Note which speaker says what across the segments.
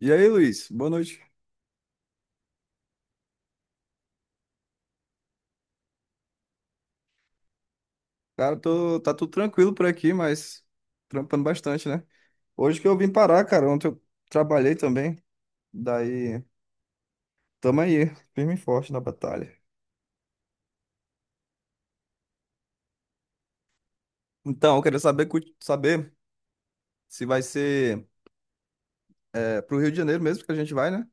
Speaker 1: E aí, Luiz? Boa noite. Cara, tô, tá tudo tranquilo por aqui, mas trampando bastante, né? Hoje que eu vim parar, cara, ontem eu trabalhei também. Daí, tamo aí, firme e forte na batalha. Então, eu queria saber, saber se vai ser pro Rio de Janeiro mesmo que a gente vai, né?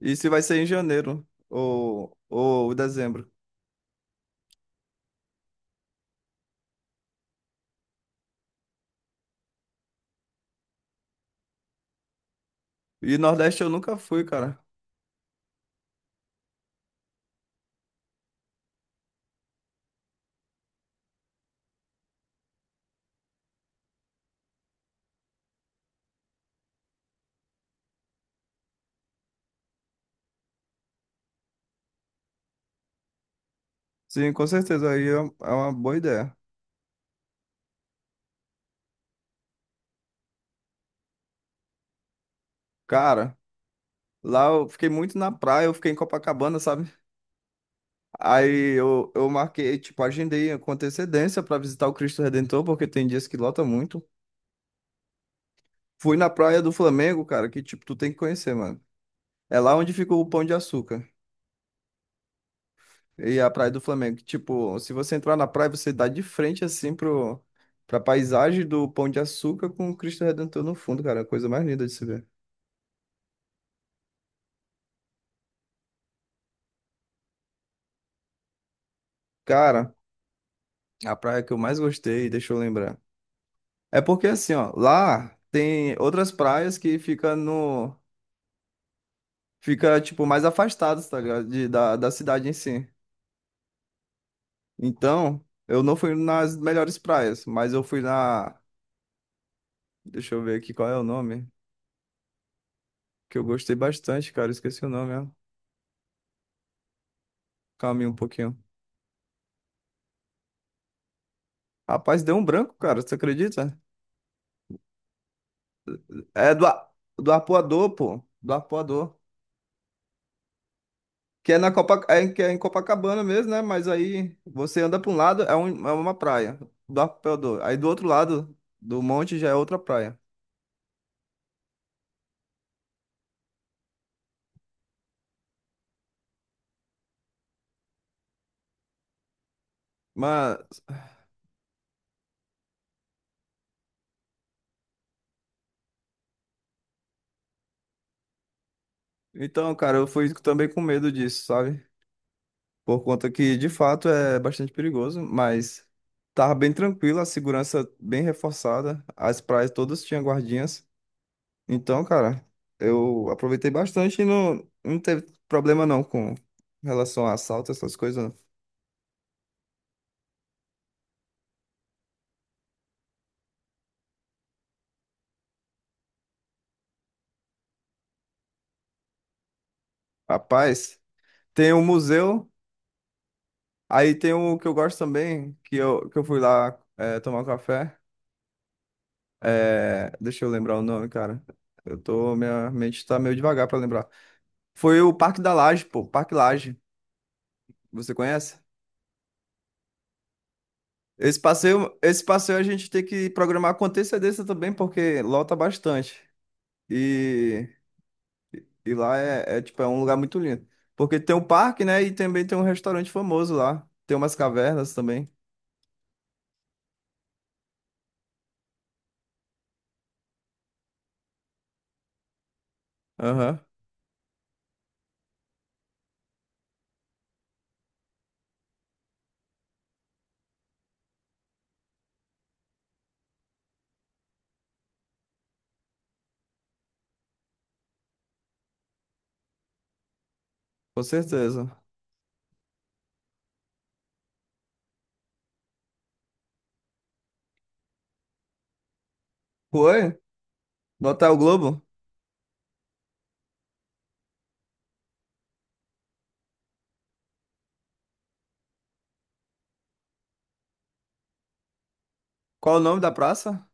Speaker 1: E se vai ser em janeiro ou dezembro. E Nordeste eu nunca fui, cara. Sim, com certeza, aí é uma boa ideia. Cara, lá eu fiquei muito na praia, eu fiquei em Copacabana, sabe? Aí eu marquei, tipo, agendei com antecedência pra visitar o Cristo Redentor, porque tem dias que lota muito. Fui na Praia do Flamengo, cara, que, tipo, tu tem que conhecer, mano. É lá onde fica o Pão de Açúcar e a Praia do Flamengo. Tipo, se você entrar na praia, você dá de frente, assim, pra paisagem do Pão de Açúcar com o Cristo Redentor no fundo, cara. A coisa mais linda de se ver. Cara, a praia que eu mais gostei, deixa eu lembrar. É porque, assim, ó, lá tem outras praias que ficam no fica, tipo, mais afastado, tá ligado? Da, da cidade em si. Então, eu não fui nas melhores praias, mas eu fui na. Deixa eu ver aqui qual é o nome. Que eu gostei bastante, cara. Esqueci o nome, ó. Calma aí um pouquinho. Rapaz, deu um branco, cara. Você acredita? É do, A- do Arpoador, pô. Do Arpoador. Que é na que é em Copacabana mesmo, né? Mas aí você anda pra um lado, é uma praia. Do Arpoador. Aí do outro lado do monte já é outra praia. Mano. Então, cara, eu fui também com medo disso, sabe? Por conta que, de fato, é bastante perigoso, mas tava bem tranquilo, a segurança bem reforçada, as praias todas tinham guardinhas. Então, cara, eu aproveitei bastante e não teve problema não com relação a assalto, essas coisas. Não. Rapaz, tem o museu, aí tem o que eu gosto também, que eu fui lá tomar um café. Deixa eu lembrar o nome, cara. Eu tô, minha mente tá meio devagar pra lembrar. Foi o Parque da Laje, pô, Parque Laje. Você conhece? Esse passeio a gente tem que programar com antecedência também, porque lota bastante. E, e lá é, tipo, é um lugar muito lindo. Porque tem um parque, né? E também tem um restaurante famoso lá. Tem umas cavernas também. Aham, com certeza. Foi? No Hotel Globo? Qual o nome da praça?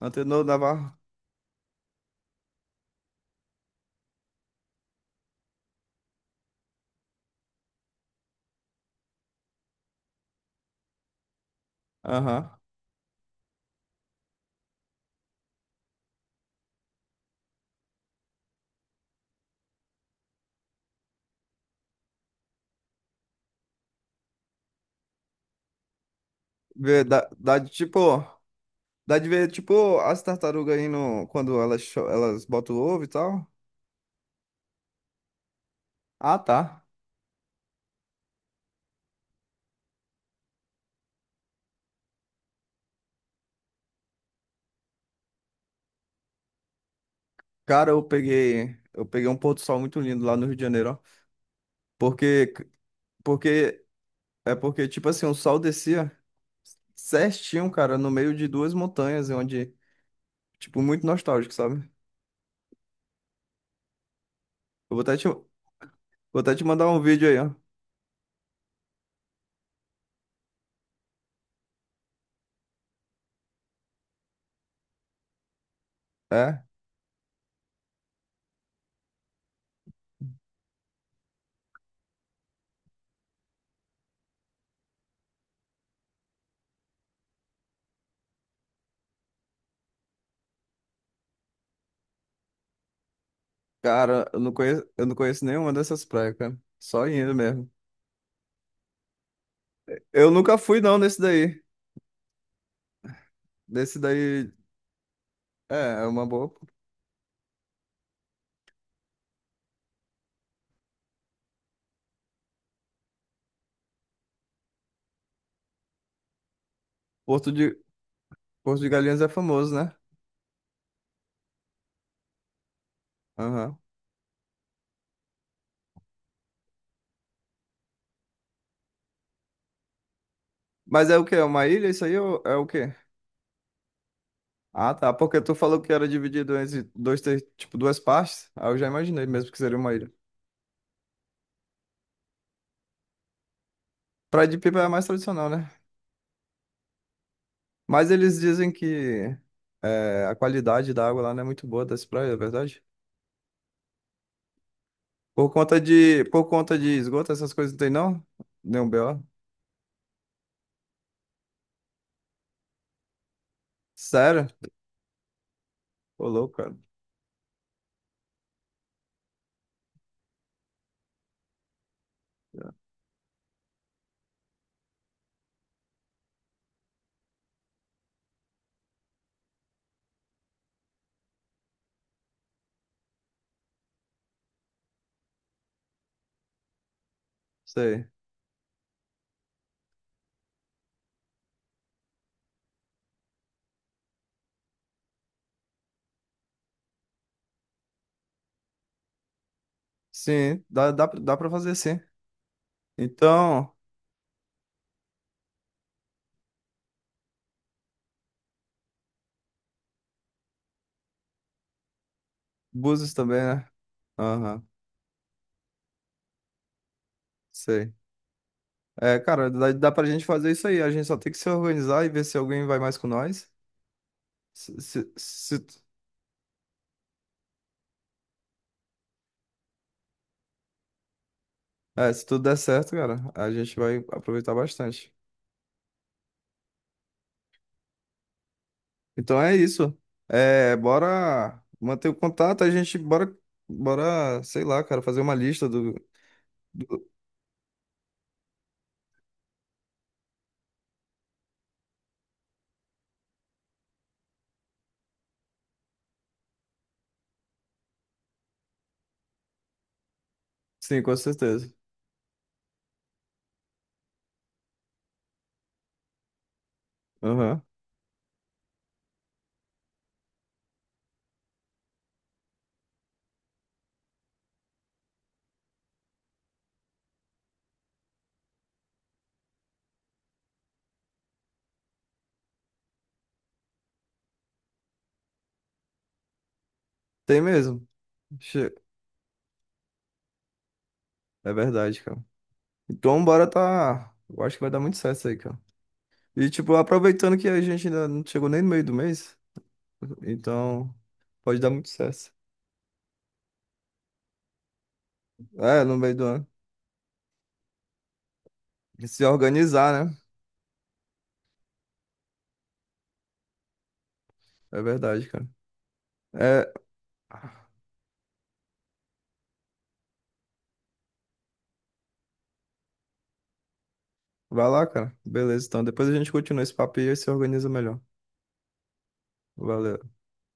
Speaker 1: Antenor Navarro. Aham. Vê, Dá, dá de tipo. Dá de ver, tipo, as tartarugas aí no, quando elas, elas botam o ovo e tal. Ah, tá. Cara, eu peguei um pôr do sol muito lindo lá no Rio de Janeiro, ó. Porque, porque, porque, tipo assim, o sol descia certinho, cara, no meio de duas montanhas, onde, tipo, muito nostálgico, sabe? Eu vou até te mandar um vídeo aí, ó. É, cara, eu não conheço nenhuma dessas praias, cara. Só indo mesmo. Eu nunca fui, não, nesse daí. Nesse daí, é, é uma boa. Porto de, Porto de Galinhas é famoso, né? Aham. Mas é o quê? É uma ilha isso aí ou é o quê? Ah, tá. Porque tu falou que era dividido entre dois, tipo, duas partes. Aí eu já imaginei mesmo que seria uma ilha. Praia de Pipa é mais tradicional, né? Mas eles dizem que é, a qualidade da água lá não é muito boa das praias, é verdade? Por conta de esgoto, essas coisas não tem não? Nenhum BO? Sério? Ô, louco, cara. Sei. Sim, dá pra fazer sim. Então, Búzios também, né? Aham, sei. É, cara, dá pra gente fazer isso aí. A gente só tem que se organizar e ver se alguém vai mais com nós. Se, se, se- é, se tudo der certo, cara, a gente vai aproveitar bastante. Então é isso. É, bora manter o contato, a gente bora, bora, sei lá, cara, fazer uma lista do- Sim, com certeza. Aham. Tem mesmo. Che- É verdade, cara. Então bora tá. Eu acho que vai dar muito certo isso aí, cara. E tipo, aproveitando que a gente ainda não chegou nem no meio do mês, então pode dar muito certo. É, no meio do ano. E se organizar, né? É verdade, cara. É. Vai lá, cara. Beleza, então depois a gente continua esse papo e aí se organiza melhor. Valeu.